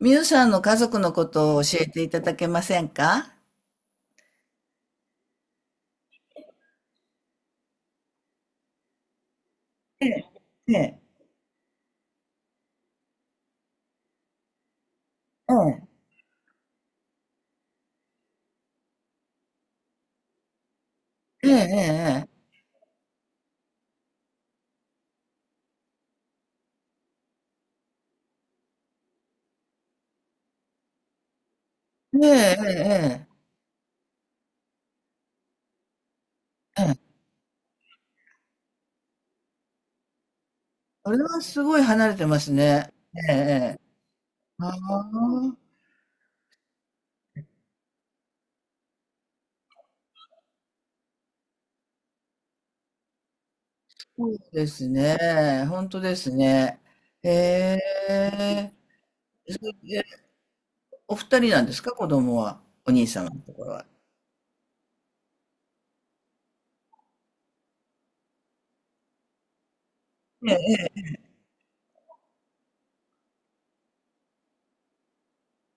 みゆさんの家族のことを教えていただけませんか？ええ、ええ、ええ、ええ、ええ、ええ、ええ、ええ。それはすごい離れてますね。ええ、ええ。ああ、そうですね。本当ですね。ええ。それでお二人なんですか、子供は。お兄様のところは。ええ、ええ。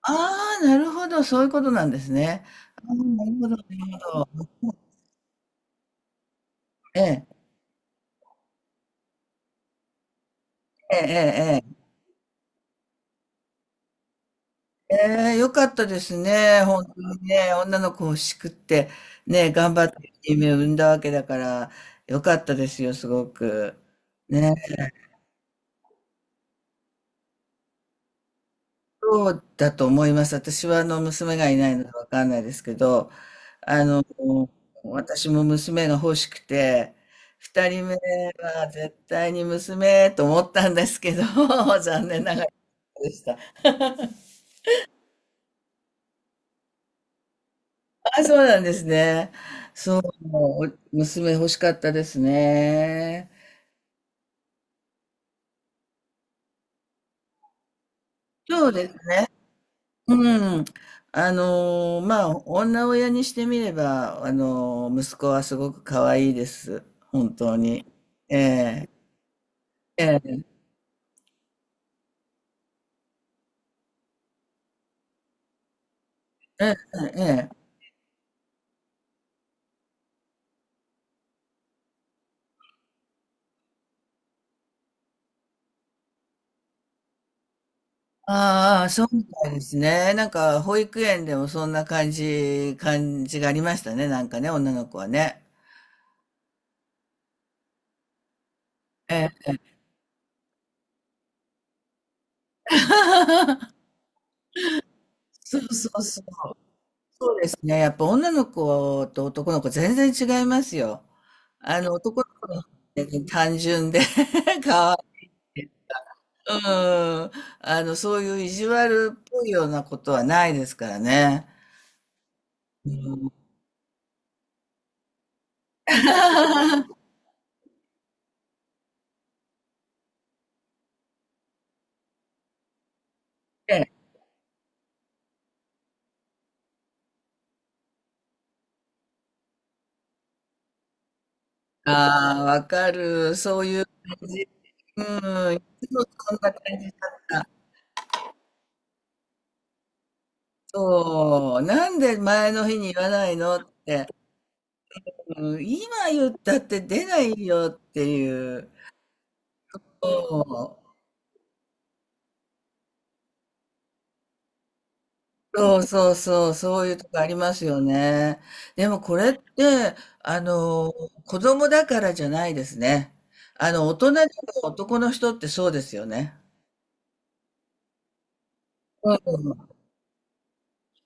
ああ、なるほど。そういうことなんですね。ああ、なるほど、なるほど。ええ、ええ、ええ、ええ。ええ、良かったですね。本当にね、女の子欲しくって、ね、頑張って夢を産んだわけだから、良かったですよ、すごく。ね、そうだと思います。私はあの娘がいないのでわかんないですけど、あの、私も娘が欲しくて、二人目は絶対に娘と思ったんですけど、残念ながらでした。あ、そうなんですね。そう、娘欲しかったですね。そうですね。うん。あのーまあ、女親にしてみれば、あのー息子はすごく可愛いです。本当に。ええええええええ。ああ、そうみたいですね。なんか、保育園でもそんな感じがありましたね。なんかね、女の子はね。ええ。 そうそうそう。そうですね。やっぱ女の子と男の子全然違いますよ。あの、男の子の方がね単純で。 うん、あの、そういう意地悪っぽいようなことはないですからね。うん。ああ、わかる。そういう感じ。うん。いつもそんな感じ。そう。なんで前の日に言わないのって。うん、今言ったって出ないよっていう。そう。そうそうそう、そういうとこありますよね。でもこれって、あの、子供だからじゃないですね。あの、大人でも男の人ってそうですよね。うん。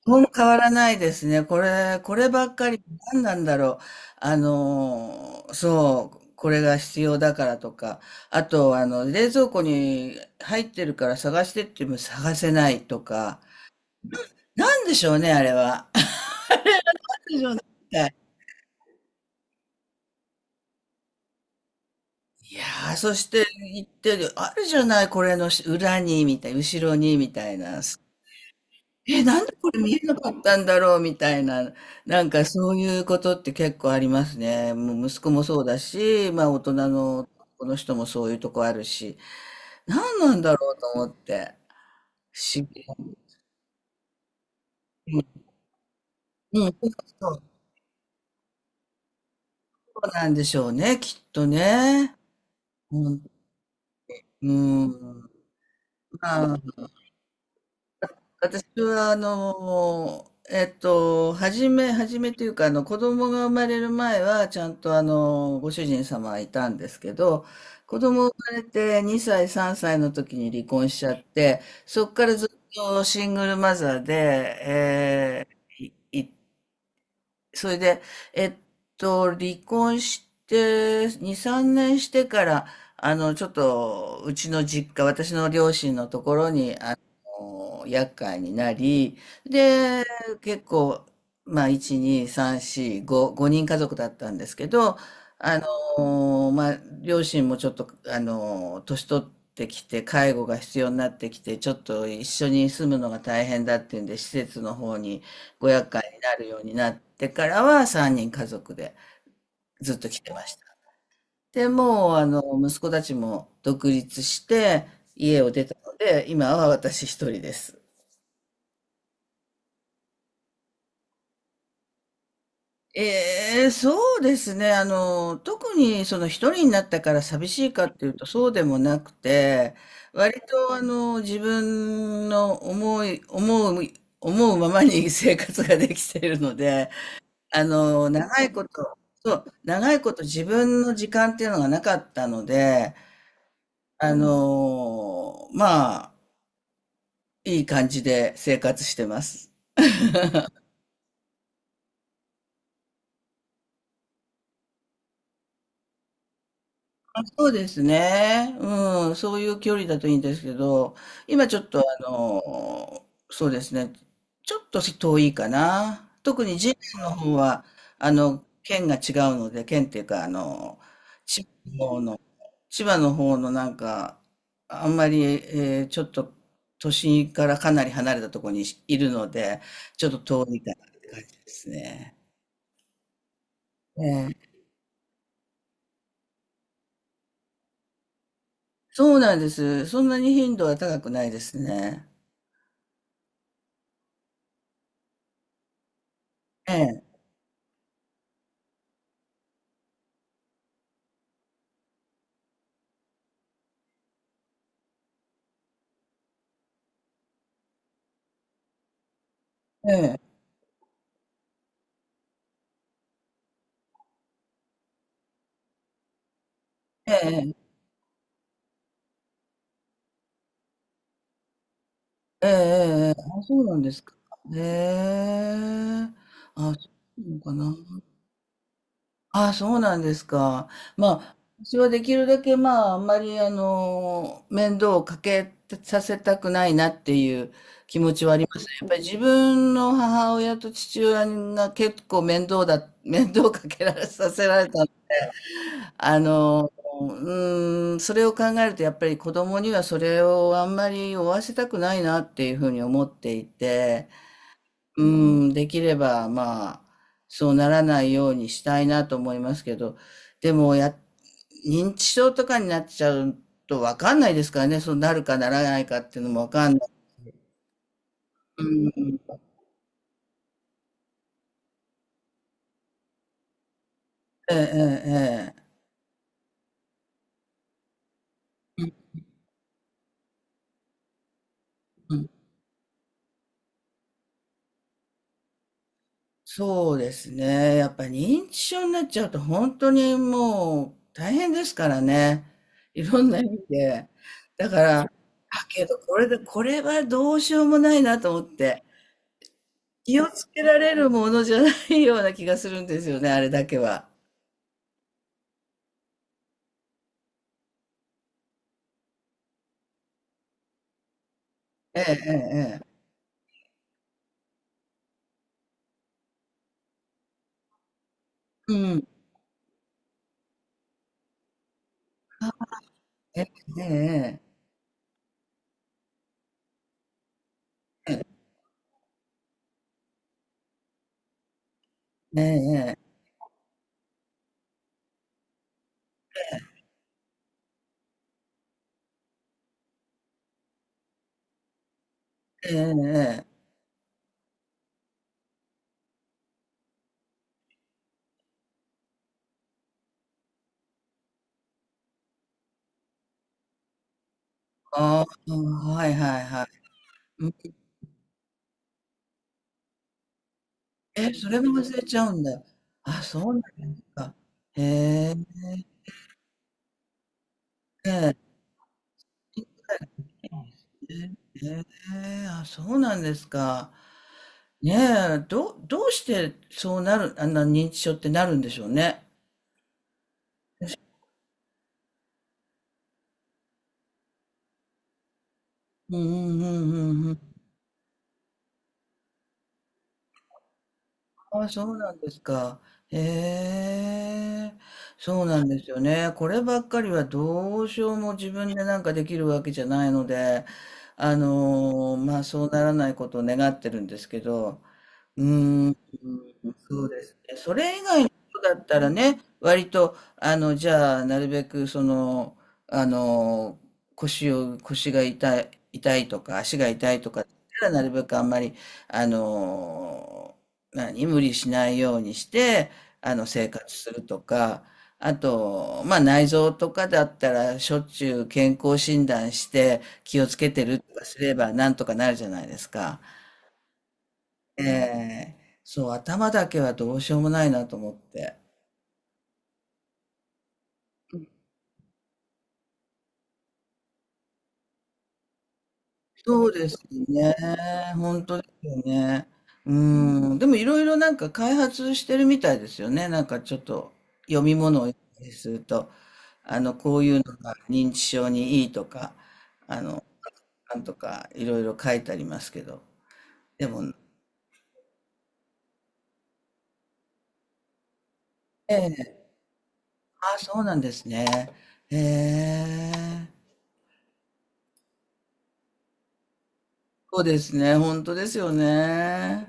ほん変わらないですね。こればっかり、何なんだろう。あの、そう、これが必要だからとか、あと、あの、冷蔵庫に入ってるから探してっても探せないとか、なんでしょうね、あれは。なんでしょうね。いやー、そして言ってる、あるじゃない、これのし裏に、みたい、後ろに、みたいな。え、なんでこれ見えなかったんだろう、みたいな。なんかそういうことって結構ありますね。もう息子もそうだし、まあ大人のこの人もそういうとこあるし、何なんだろうと思って。不思議。うん、そうそうそうなんでしょうね、きっとね。うん、うん。まあ私は、あの、初めというか、あの、子供が生まれる前は、ちゃんと、あの、ご主人様はいたんですけど、子供生まれて2歳、3歳の時に離婚しちゃって、そこからずっとシングルマザーで、えー、いいそれで、えっ離婚して、2、3年してから、あの、ちょっと、うちの実家、私の両親のところに、あの、厄介になり、で、結構、まあ、1、2、3、4、5、5人家族だったんですけど、あの、まあ、両親もちょっと、あの、年取ってきて、介護が必要になってきて、ちょっと一緒に住むのが大変だっていうんで、施設の方にご厄介なるようになってからは3人家族でずっと来てました。で、もうあの息子たちも独立して家を出たので、今は私一人です。ええ、そうですね。あの、特にその一人になったから寂しいかっていうとそうでもなくて、割とあの自分の思うままに生活ができているので、あの、長いこと、そう、長いこと自分の時間っていうのがなかったので、あの、まあ、いい感じで生活してます。あ、そうですね。うん、そういう距離だといいんですけど、今ちょっとあの、そうですね、ちょっと遠いかな。特に次男の方は、あの、県が違うので、県っていうか、あの、千葉の方のなんか、あんまり、えーちょっと都心からかなり離れたところにいるので、ちょっと遠いかなって感じですね。ええ、そうなんです。そんなに頻度は高くないですね。ええ、ええ、ええ、ええ、ええ、あ、そうなんですか。ねえ、あ、そうなのかな。あ、あそうなんですか。まあ、私はできるだけ、まあ、あんまり、あの、面倒をかけさせたくないなっていう気持ちはあります。やっぱり自分の母親と父親が結構面倒だ、面倒をかけられさせられた。あの、うーん、それを考えると、やっぱり子供にはそれをあんまり負わせたくないなっていうふうに思っていて、うん、できれば、まあ、そうならないようにしたいなと思いますけど、でも、認知症とかになっちゃうとわかんないですからね、そうなるかならないかっていうのもわかんない。うん、ええ、ええ、ええうん、そうですね。やっぱ認知症になっちゃうと本当にもう大変ですからね。いろんな意味で。だから、だけどこれはどうしようもないなと思って。気をつけられるものじゃないような気がするんですよね、あれだけは。ええええええ。うん。あ、ええええええ。ええええ。えええ、ああ、はいはいはい。うん。え、それも忘れちゃうんだ。あ、そうなんですか。へえ。ええ、ええ、ええ、あ、そうなんですか。ねえ、どうしてそうなるあんな認知症ってなるんでしょうね。うんうんうんうんうん。あ、そうなんですか。へえ、そうなんですよね。こればっかりはどうしようも自分でなんかできるわけじゃないので、あのーまあそうならないことを願ってるんですけど、うーん、そうですね。それ以外のことだったらね、割と、あの、じゃあ、なるべく、その、あの、腰が痛い、痛いとか、足が痛いとかだったら、なるべくあんまり、あの、無理しないようにして、あの、生活するとか、あと、まあ、内臓とかだったら、しょっちゅう健康診断して、気をつけてるとかすれば、なんとかなるじゃないですか。ええ、そう、頭だけはどうしようもないなと思って。そうですね。本当ですよね。うん。でもいろいろなんか開発してるみたいですよね。なんかちょっと読み物を読んだりすると、あの、こういうのが認知症にいいとか、あの、なんとかいろいろ書いてありますけど。でも、ええ、ああ、そうなんですね。ええ、そうですね。本当ですよね。